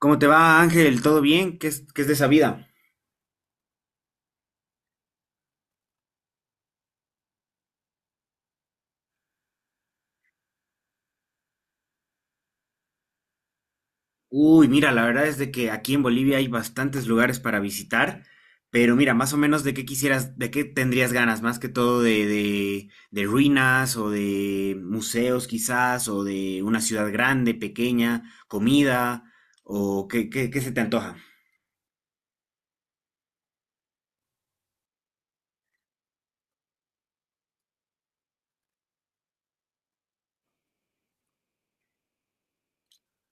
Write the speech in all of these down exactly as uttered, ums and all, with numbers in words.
¿Cómo te va, Ángel? ¿Todo bien? ¿Qué es, qué es de esa vida? Uy, mira, la verdad es de que aquí en Bolivia hay bastantes lugares para visitar, pero mira, más o menos de qué quisieras, de qué tendrías ganas, más que todo de, de, de ruinas o de museos quizás, o de una ciudad grande, pequeña, comida, o qué, qué, qué se te antoja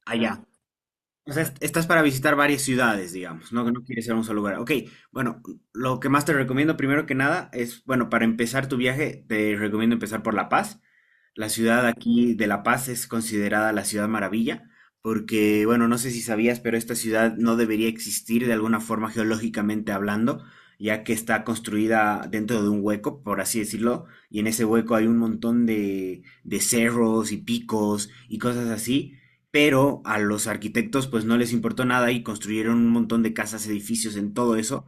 allá. O sea, est- estás para visitar varias ciudades, digamos, no, no quieres ir a un solo lugar. Ok, bueno, lo que más te recomiendo, primero que nada, es, bueno, para empezar tu viaje, te recomiendo empezar por La Paz. La ciudad aquí de La Paz es considerada la ciudad maravilla, porque, bueno, no sé si sabías, pero esta ciudad no debería existir de alguna forma geológicamente hablando, ya que está construida dentro de un hueco, por así decirlo, y en ese hueco hay un montón de, de cerros y picos y cosas así, pero a los arquitectos pues no les importó nada y construyeron un montón de casas, edificios en todo eso,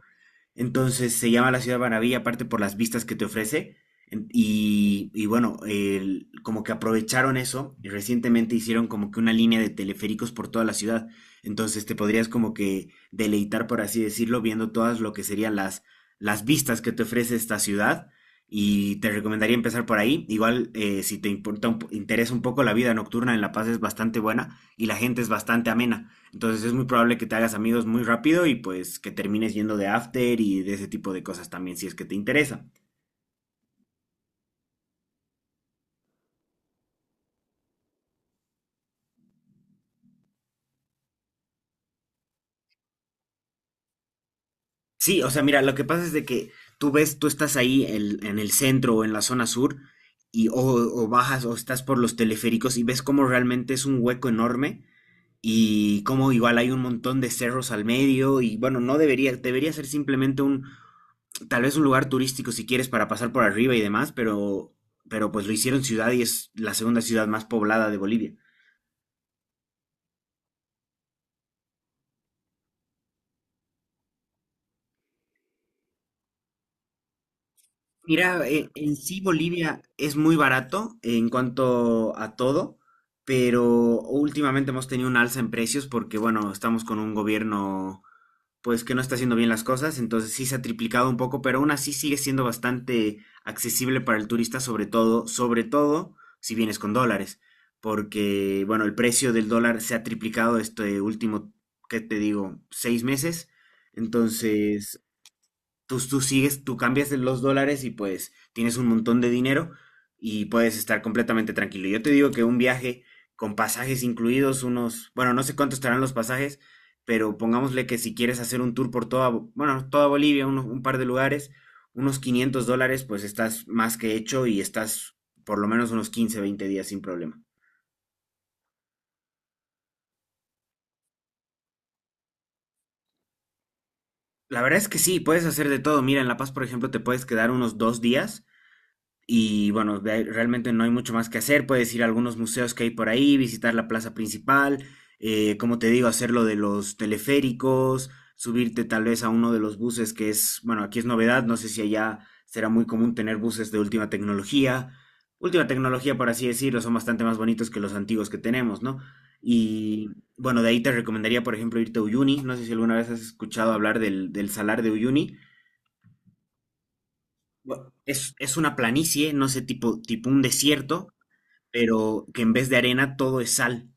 entonces se llama la Ciudad Maravilla, aparte por las vistas que te ofrece. En- Y, y bueno, el- como que aprovecharon eso y recientemente hicieron como que una línea de teleféricos por toda la ciudad. Entonces te podrías como que deleitar, por así decirlo, viendo todas lo que serían las, las vistas que te ofrece esta ciudad. Y te recomendaría empezar por ahí. Igual, eh, si te importa un po- interesa un poco, la vida nocturna en La Paz es bastante buena y la gente es bastante amena. Entonces es muy probable que te hagas amigos muy rápido y pues que termines yendo de after y de ese tipo de cosas también si es que te interesa. Sí, o sea, mira, lo que pasa es de que tú ves, tú estás ahí en, en el centro o en la zona sur y o, o bajas o estás por los teleféricos y ves cómo realmente es un hueco enorme y cómo igual hay un montón de cerros al medio y bueno, no debería, debería ser simplemente un, tal vez un lugar turístico si quieres para pasar por arriba y demás, pero, pero, pues lo hicieron ciudad y es la segunda ciudad más poblada de Bolivia. Mira, e- en sí Bolivia es muy barato en cuanto a todo, pero últimamente hemos tenido un alza en precios porque, bueno, estamos con un gobierno pues que no está haciendo bien las cosas, entonces sí se ha triplicado un poco, pero aún así sigue siendo bastante accesible para el turista, sobre todo, sobre todo si vienes con dólares, porque, bueno, el precio del dólar se ha triplicado este último, ¿qué te digo?, seis meses. Entonces, tú, tú sigues, tú cambias los dólares y pues tienes un montón de dinero y puedes estar completamente tranquilo. Yo te digo que un viaje con pasajes incluidos, unos, bueno, no sé cuánto estarán los pasajes, pero pongámosle que si quieres hacer un tour por toda, Bo- bueno, toda Bolivia, uno- un par de lugares, unos quinientos dólares, pues estás más que hecho y estás por lo menos unos quince veinte días sin problema. La verdad es que sí, puedes hacer de todo. Mira, en La Paz, por ejemplo, te puedes quedar unos dos días. Y bueno, de ahí realmente no hay mucho más que hacer. Puedes ir a algunos museos que hay por ahí, visitar la plaza principal, eh, como te digo, hacer lo de los teleféricos, subirte tal vez a uno de los buses que es, bueno, aquí es novedad, no sé si allá será muy común tener buses de última tecnología. Última tecnología, por así decirlo, son bastante más bonitos que los antiguos que tenemos, ¿no? Y bueno, de ahí te recomendaría, por ejemplo, irte a Uyuni. No sé si alguna vez has escuchado hablar del, del salar de Uyuni. Bu- Es, es una planicie, no sé, tipo, tipo un desierto, pero que en vez de arena todo es sal.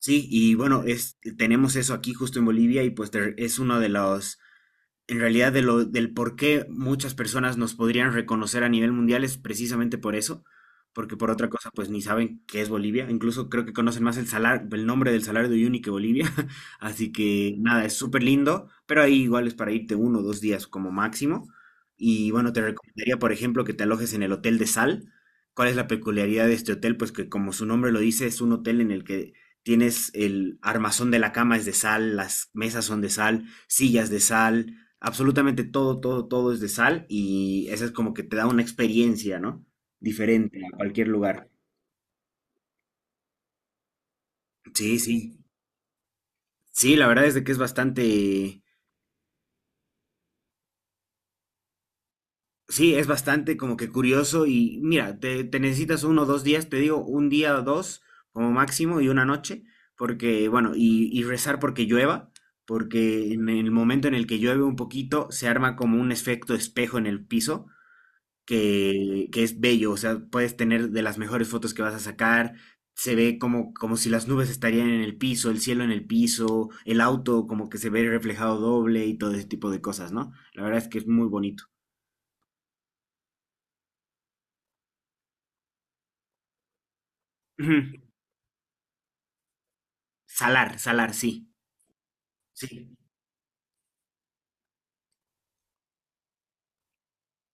Sí, y bueno, es, tenemos eso aquí justo en Bolivia y pues te- es uno de los en realidad, de lo, del por qué muchas personas nos podrían reconocer a nivel mundial es precisamente por eso, porque por otra cosa, pues ni saben qué es Bolivia. Incluso creo que conocen más el salar, el nombre del Salario de Uyuni que Bolivia. Así que nada, es súper lindo, pero ahí igual es para irte uno o dos días como máximo. Y bueno, te recomendaría, por ejemplo, que te alojes en el Hotel de Sal. ¿Cuál es la peculiaridad de este hotel? Pues que como su nombre lo dice, es un hotel en el que tienes el armazón de la cama es de sal, las mesas son de sal, sillas de sal, absolutamente todo, todo, todo es de sal y eso es como que te da una experiencia, ¿no? Diferente a cualquier lugar. Sí, sí. Sí, la verdad es de que es bastante, sí, es bastante como que curioso y mira, te, te, necesitas uno o dos días, te digo, un día o dos como máximo y una noche, porque, bueno, y, y rezar porque llueva, porque en el momento en el que llueve un poquito se arma como un efecto espejo en el piso que, que es bello, o sea, puedes tener de las mejores fotos que vas a sacar, se ve como, como si las nubes estarían en el piso, el cielo en el piso, el auto como que se ve reflejado doble y todo ese tipo de cosas, ¿no? La verdad es que es muy bonito. Ujú. Salar, salar, sí, sí.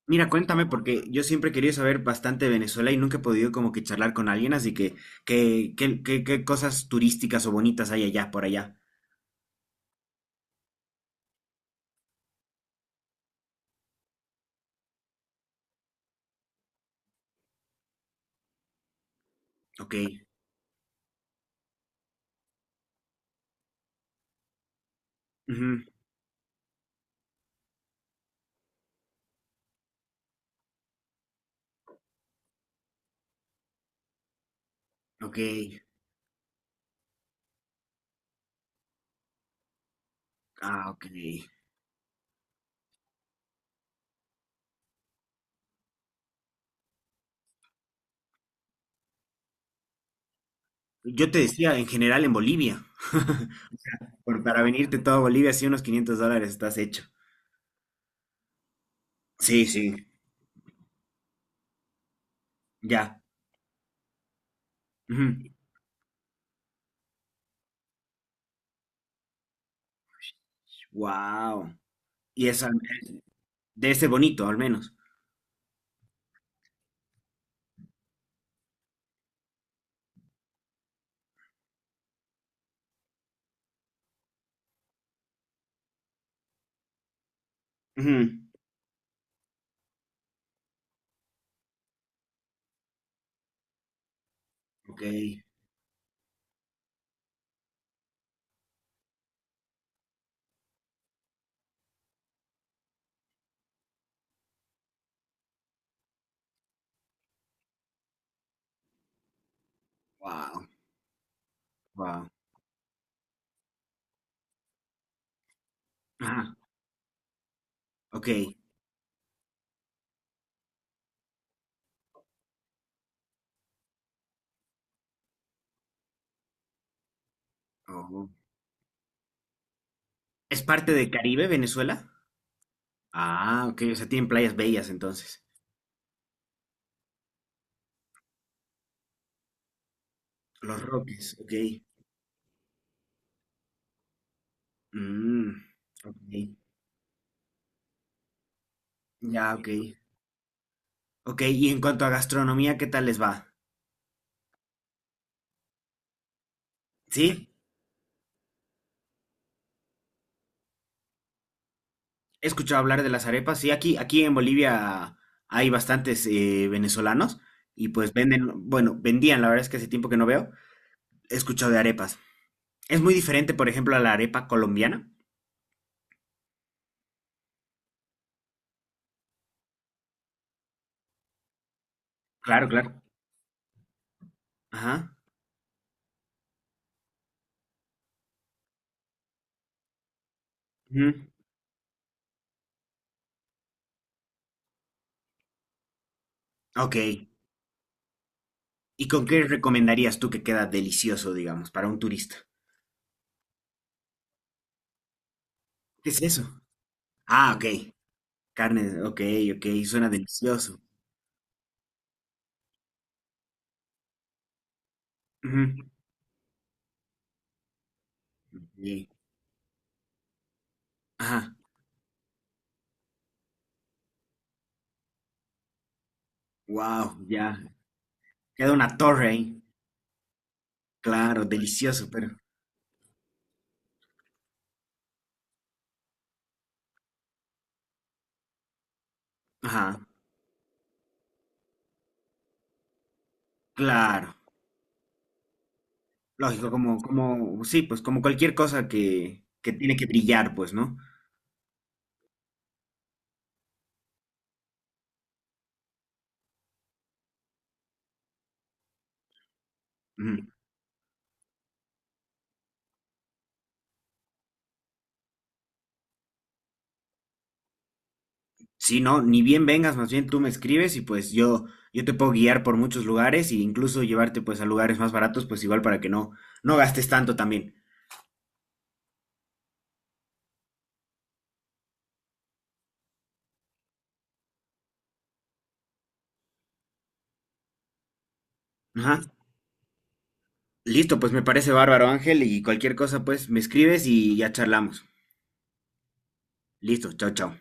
Mira, cuéntame, porque yo siempre he querido saber bastante de Venezuela y nunca he podido como que charlar con alguien, así que, ¿qué, qué, qué, qué cosas turísticas o bonitas hay allá, por allá? Ok. Ujú. Ok. Ah, ok. Yo te decía, en general en Bolivia. Por- para venirte todo a Bolivia, sí, unos quinientos dólares estás hecho. Sí, sí. Ya. Wow. Y eso al- debe ser bonito, al menos. Ujú. Ok. Wow. Wow. Ah, ok. Oh. ¿Es parte de Caribe, Venezuela? Ah, ok. O sea, tienen playas bellas entonces. Los Roques, ok. Mm, ok. Ya, ok. Ok, y en cuanto a gastronomía, ¿qué tal les va? ¿Sí? He escuchado hablar de las arepas. Sí, aquí, aquí en Bolivia hay bastantes eh, venezolanos y pues venden, bueno, vendían, la verdad es que hace tiempo que no veo. He escuchado de arepas. Es muy diferente, por ejemplo, a la arepa colombiana. Claro, claro. Ajá. Ujú. Ok. ¿Y con qué recomendarías tú que queda delicioso, digamos, para un turista? ¿Qué es eso? Ah, ok. Carne, ok, ok, suena delicioso. Ujú. Sí. Ajá. Wow, ya. Queda una torre ahí. Claro, delicioso, pero. Ajá. Claro, lógico, como, como, sí, pues como cualquier cosa que, que tiene que brillar, pues, ¿no? Ujú. Sí, no, ni bien vengas, más bien tú me escribes y pues yo, yo, te puedo guiar por muchos lugares e incluso llevarte pues a lugares más baratos, pues igual para que no, no gastes tanto también. Ajá. Listo, pues me parece bárbaro, Ángel, y cualquier cosa, pues me escribes y ya charlamos. Listo, chao, chao.